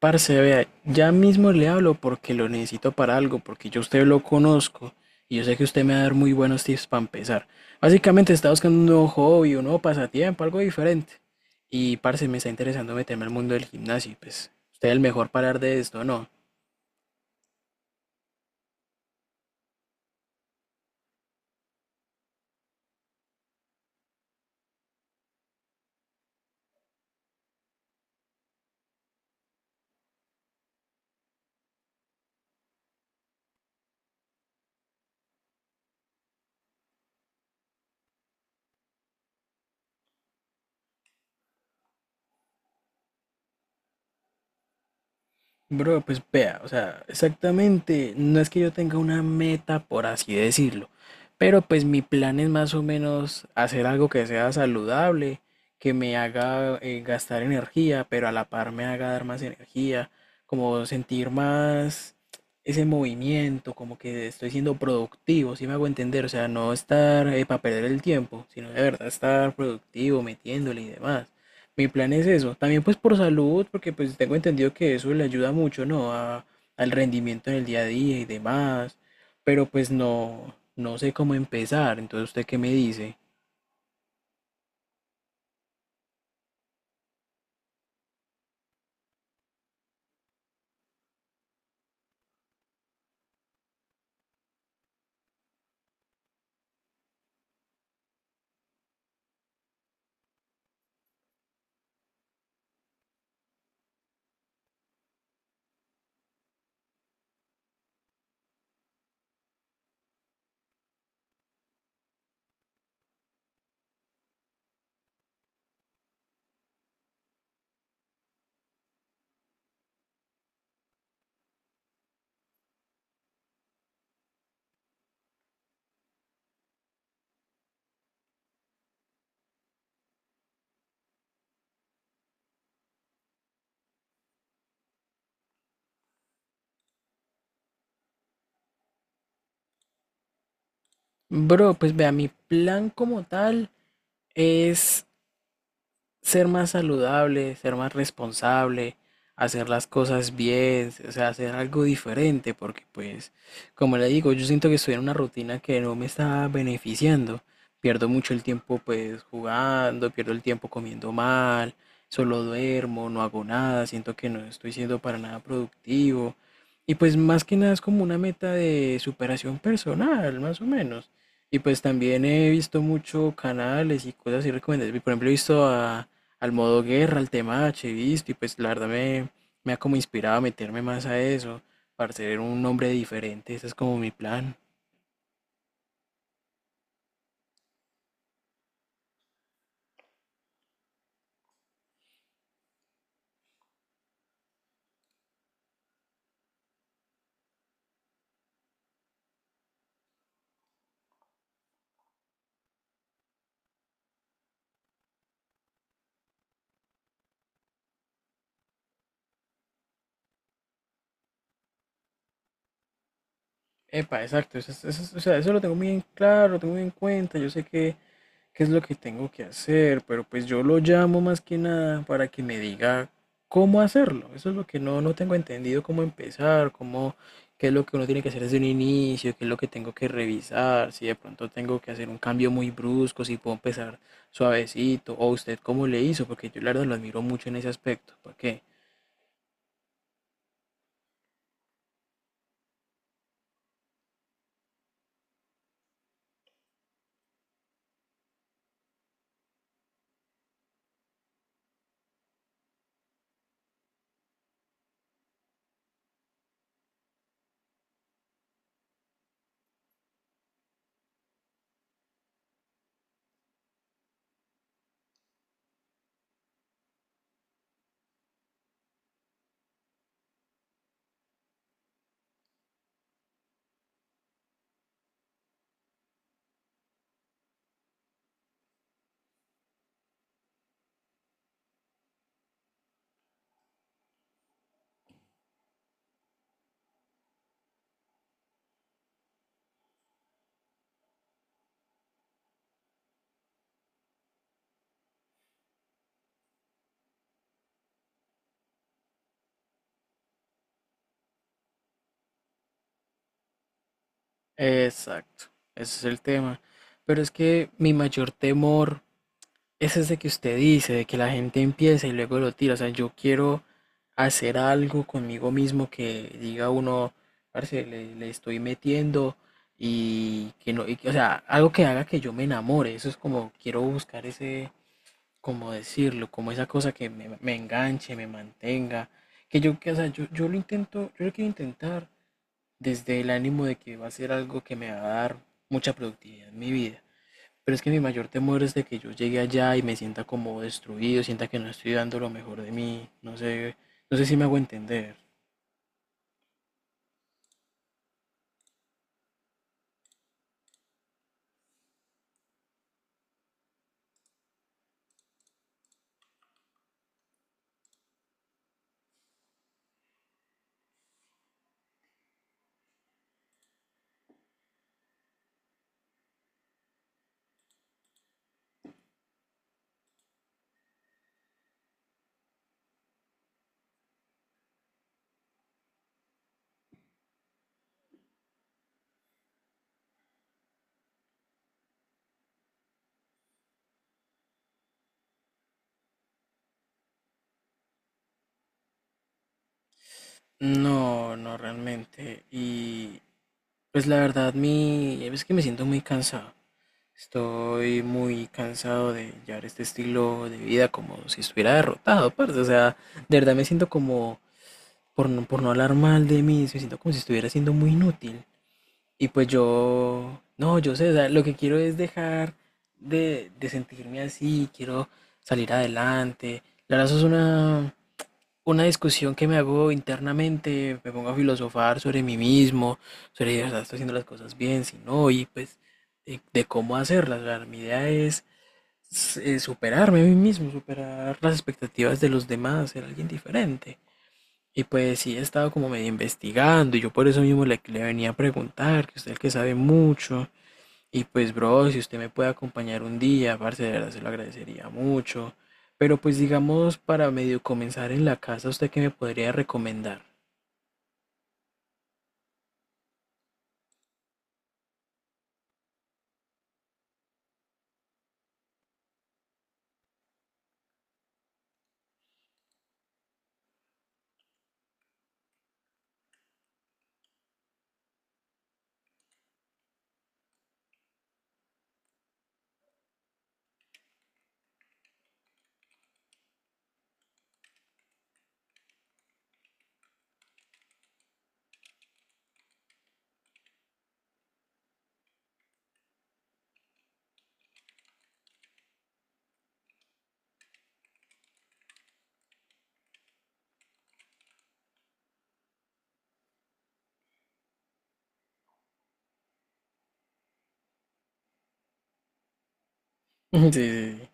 Parce, vea, ya mismo le hablo porque lo necesito para algo, porque yo a usted lo conozco y yo sé que usted me va a dar muy buenos tips para empezar. Básicamente está buscando un nuevo hobby, un nuevo pasatiempo, algo diferente. Y parce, me está interesando meterme al mundo del gimnasio y pues usted es el mejor para hablar de esto, ¿no? Bro, pues vea, o sea, exactamente, no es que yo tenga una meta, por así decirlo, pero pues mi plan es más o menos hacer algo que sea saludable, que me haga gastar energía, pero a la par me haga dar más energía, como sentir más ese movimiento, como que estoy siendo productivo, si me hago entender, o sea, no estar para perder el tiempo, sino de verdad estar productivo, metiéndole y demás. Mi plan es eso. También pues por salud, porque pues tengo entendido que eso le ayuda mucho, ¿no? Al rendimiento en el día a día y demás. Pero pues no, no sé cómo empezar. Entonces, ¿usted qué me dice? Bro, pues vea, mi plan como tal es ser más saludable, ser más responsable, hacer las cosas bien, o sea, hacer algo diferente, porque pues, como le digo, yo siento que estoy en una rutina que no me está beneficiando. Pierdo mucho el tiempo pues jugando, pierdo el tiempo comiendo mal, solo duermo, no hago nada, siento que no estoy siendo para nada productivo. Y pues más que nada es como una meta de superación personal, más o menos. Y pues también he visto mucho canales y cosas y recomendaciones. Por ejemplo, he visto a al modo guerra, al tema chavista, y pues la verdad me, me ha como inspirado a meterme más a eso, para ser un hombre diferente, ese es como mi plan. Epa, exacto, eso, eso o sea, eso lo tengo muy en claro, lo tengo muy en cuenta, yo sé que qué es lo que tengo que hacer, pero pues yo lo llamo más que nada para que me diga cómo hacerlo. Eso es lo que no, no tengo entendido, cómo empezar, cómo, qué es lo que uno tiene que hacer desde un inicio, qué es lo que tengo que revisar, si de pronto tengo que hacer un cambio muy brusco, si puedo empezar suavecito, o usted cómo le hizo, porque yo la verdad lo admiro mucho en ese aspecto. ¿Por qué? Exacto, ese es el tema. Pero es que mi mayor temor es ese que usted dice, de que la gente empieza y luego lo tira. O sea, yo quiero hacer algo conmigo mismo que diga uno, parce, le estoy metiendo y que no, o sea, algo que haga que yo me enamore. Eso es como, quiero buscar ese, como decirlo, como esa cosa que me enganche, me mantenga. O sea, yo lo intento, yo lo quiero intentar desde el ánimo de que va a ser algo que me va a dar mucha productividad en mi vida. Pero es que mi mayor temor es de que yo llegue allá y me sienta como destruido, sienta que no estoy dando lo mejor de mí, no sé, no sé si me hago entender. No, no realmente. Y pues la verdad, es que me siento muy cansado. Estoy muy cansado de llevar este estilo de vida como si estuviera derrotado, parce. O sea, de verdad me siento como, por no hablar mal de mí, me siento como si estuviera siendo muy inútil. Y pues yo, no, yo sé, o sea, lo que quiero es dejar de sentirme así, quiero salir adelante. La verdad, eso es una discusión que me hago internamente, me pongo a filosofar sobre mí mismo, sobre si de verdad estoy haciendo las cosas bien, si no, y pues de cómo hacerlas. O sea, mi idea es superarme a mí mismo, superar las expectativas de los demás, ser alguien diferente. Y pues sí, he estado como medio investigando y yo por eso mismo le venía a preguntar, que usted es el que sabe mucho. Y pues, bro, si usted me puede acompañar un día, parce, de verdad se lo agradecería mucho. Pero pues digamos, para medio comenzar en la casa, ¿usted qué me podría recomendar? Sí, sí, sí.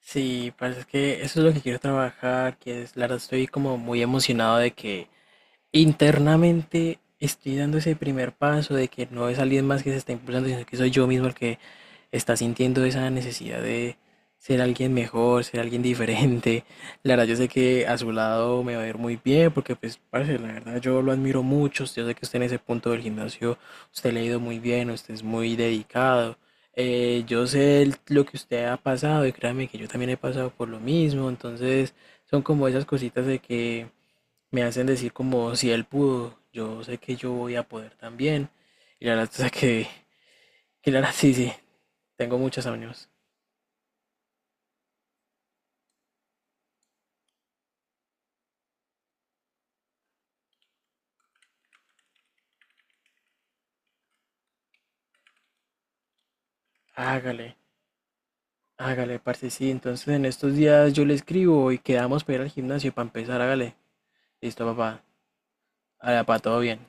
Sí, parce, es que eso es lo que quiero trabajar, que es, la verdad estoy como muy emocionado de que internamente estoy dando ese primer paso, de que no es alguien más que se está impulsando, sino que soy yo mismo el que está sintiendo esa necesidad de ser alguien mejor, ser alguien diferente. La verdad, yo sé que a su lado me va a ir muy bien, porque pues, parce, la verdad, yo lo admiro mucho. Yo sé que usted en ese punto del gimnasio, usted le ha ido muy bien, usted es muy dedicado. Yo sé lo que usted ha pasado y créame que yo también he pasado por lo mismo. Entonces, son como esas cositas de que me hacen decir como si él pudo, yo sé que yo voy a poder también. Y la verdad, o sea que la verdad, sí, sí, tengo muchos años. Hágale, hágale, parce, sí. Entonces en estos días yo le escribo y quedamos para ir al gimnasio para empezar, hágale. Listo, papá. Hágale, papá, todo bien.